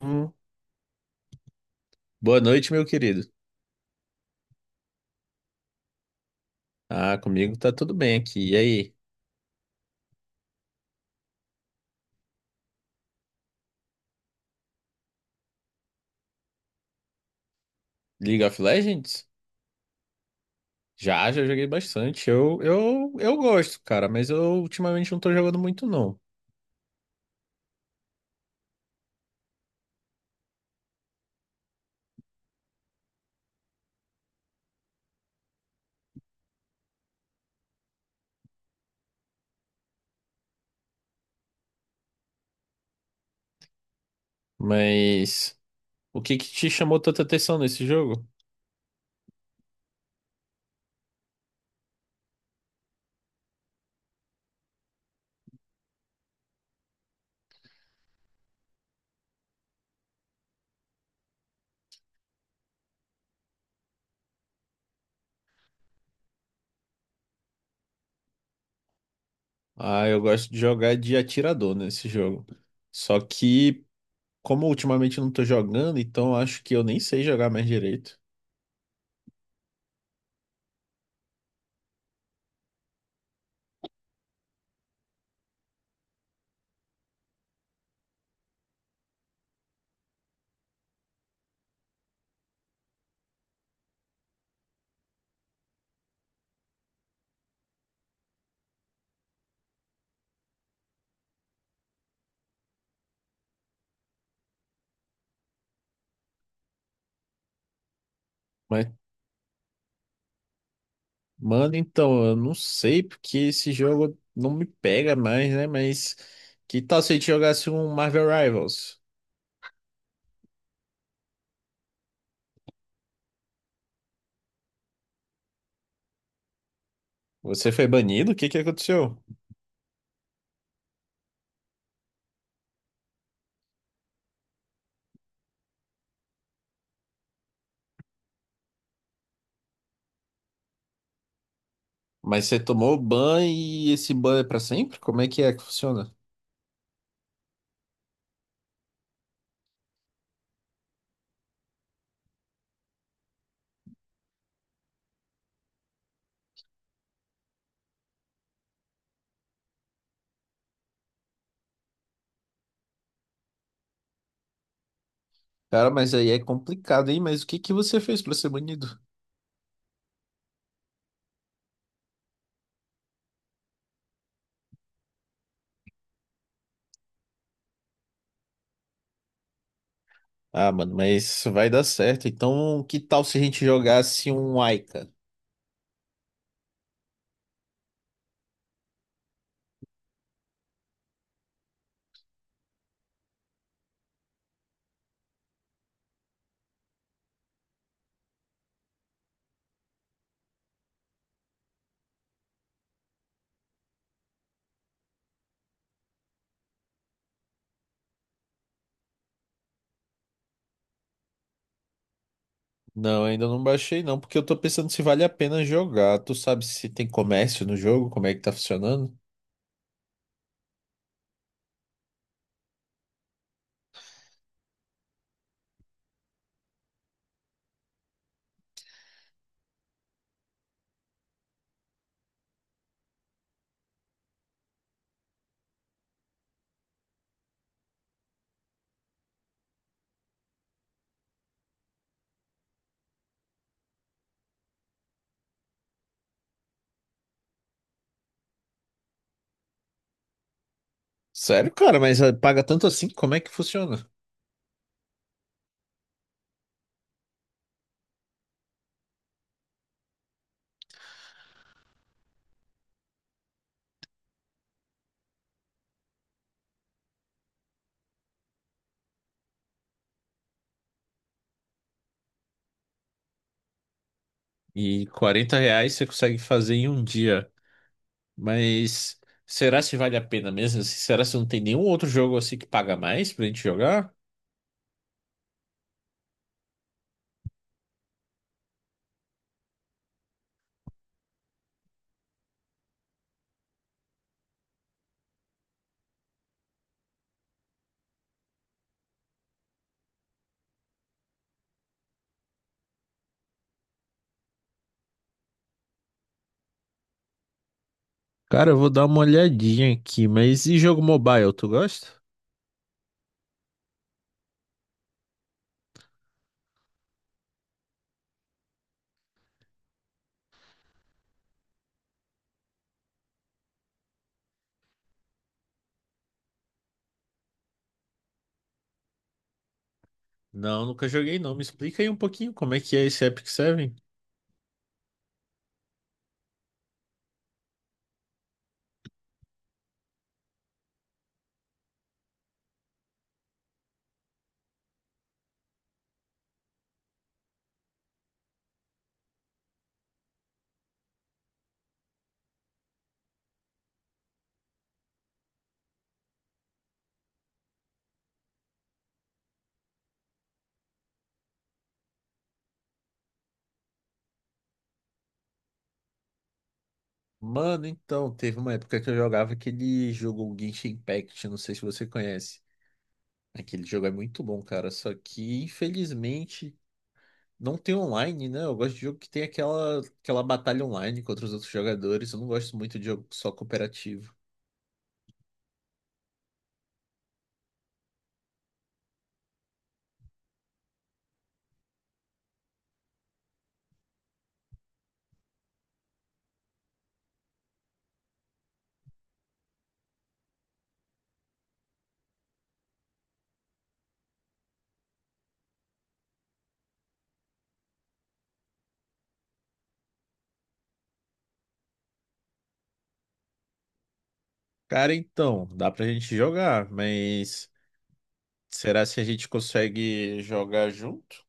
Hum. Boa noite, meu querido. Ah, comigo tá tudo bem aqui. E aí, League of Legends? Já, já joguei bastante. Eu gosto, cara, mas eu ultimamente não tô jogando muito, não. Mas o que que te chamou tanta atenção nesse jogo? Ah, eu gosto de jogar de atirador nesse jogo. Só que, como ultimamente eu não tô jogando, então acho que eu nem sei jogar mais direito. Mas mano, então, eu não sei porque esse jogo não me pega mais, né? Mas que tal se a gente jogasse um Marvel Rivals? Você foi banido? O que que aconteceu? Mas você tomou ban e esse ban é pra sempre? Como é que funciona? Cara, mas aí é complicado, hein? Mas o que que você fez pra ser banido? Ah, mano, mas vai dar certo. Então, que tal se a gente jogasse um Aika? Não, ainda não baixei não, porque eu tô pensando se vale a pena jogar. Tu sabe se tem comércio no jogo, como é que tá funcionando? Sério, cara, mas ah, paga tanto assim? Como é que funciona? E 40 reais você consegue fazer em um dia. Mas será se vale a pena mesmo? Assim, será se não tem nenhum outro jogo assim que paga mais pra gente jogar? Cara, eu vou dar uma olhadinha aqui, mas e jogo mobile, tu gosta? Não, nunca joguei não. Me explica aí um pouquinho como é que é esse Epic Seven. Mano, então, teve uma época que eu jogava aquele jogo Genshin Impact, não sei se você conhece. Aquele jogo é muito bom, cara, só que infelizmente não tem online, né? Eu gosto de jogo que tem aquela, aquela batalha online contra os outros jogadores. Eu não gosto muito de jogo só cooperativo. Cara, então, dá pra gente jogar, mas será se a gente consegue jogar junto?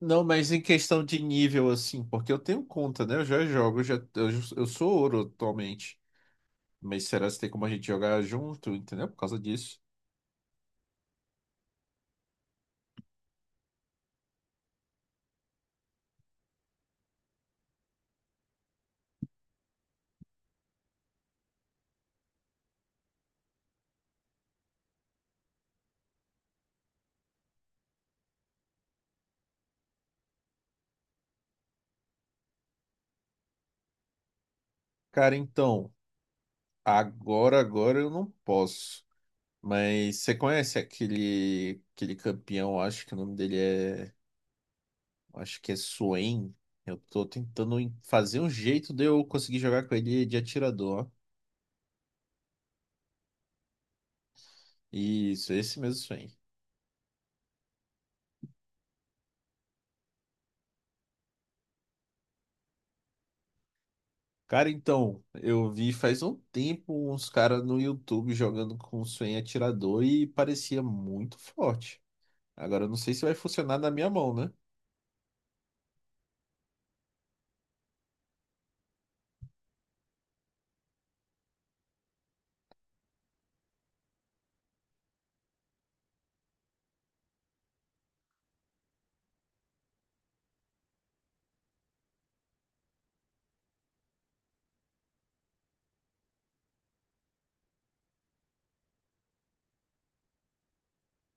Não, mas em questão de nível, assim, porque eu tenho conta, né? Eu já jogo, eu sou ouro atualmente. Mas será se tem como a gente jogar junto, entendeu? Por causa disso. Cara, então, agora eu não posso. Mas você conhece aquele, aquele campeão, acho que o nome dele é. Acho que é Swain. Eu tô tentando fazer um jeito de eu conseguir jogar com ele de atirador. Isso, esse mesmo Swain. Cara, então, eu vi faz um tempo uns caras no YouTube jogando com o Swain atirador e parecia muito forte. Agora eu não sei se vai funcionar na minha mão, né?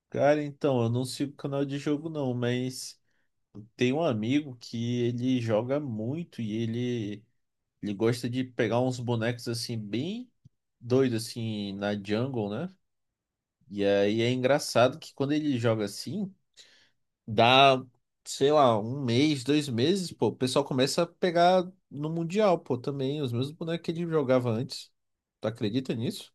Cara, então, eu não sigo canal de jogo não, mas tem um amigo que ele joga muito e ele. Ele gosta de pegar uns bonecos assim, bem doidos, assim, na jungle, né? E aí é engraçado que quando ele joga assim, dá, sei lá, um mês, dois meses, pô, o pessoal começa a pegar no Mundial, pô, também, os mesmos bonecos que ele jogava antes. Tu acredita nisso?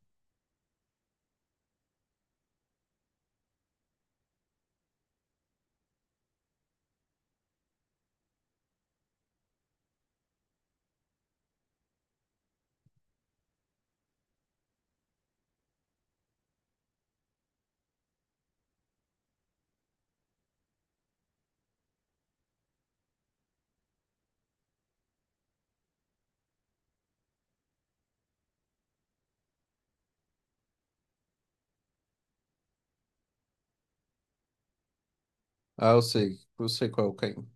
Ah, eu sei qual é o Caim.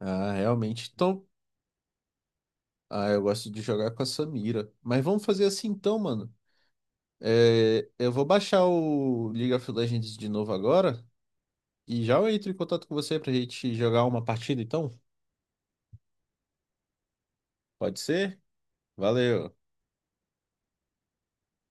Ah, realmente, então. Ah, eu gosto de jogar com a Samira. Mas vamos fazer assim então, mano. É, eu vou baixar o League of Legends de novo agora. E já eu entro em contato com você pra gente jogar uma partida, então? Pode ser? Valeu.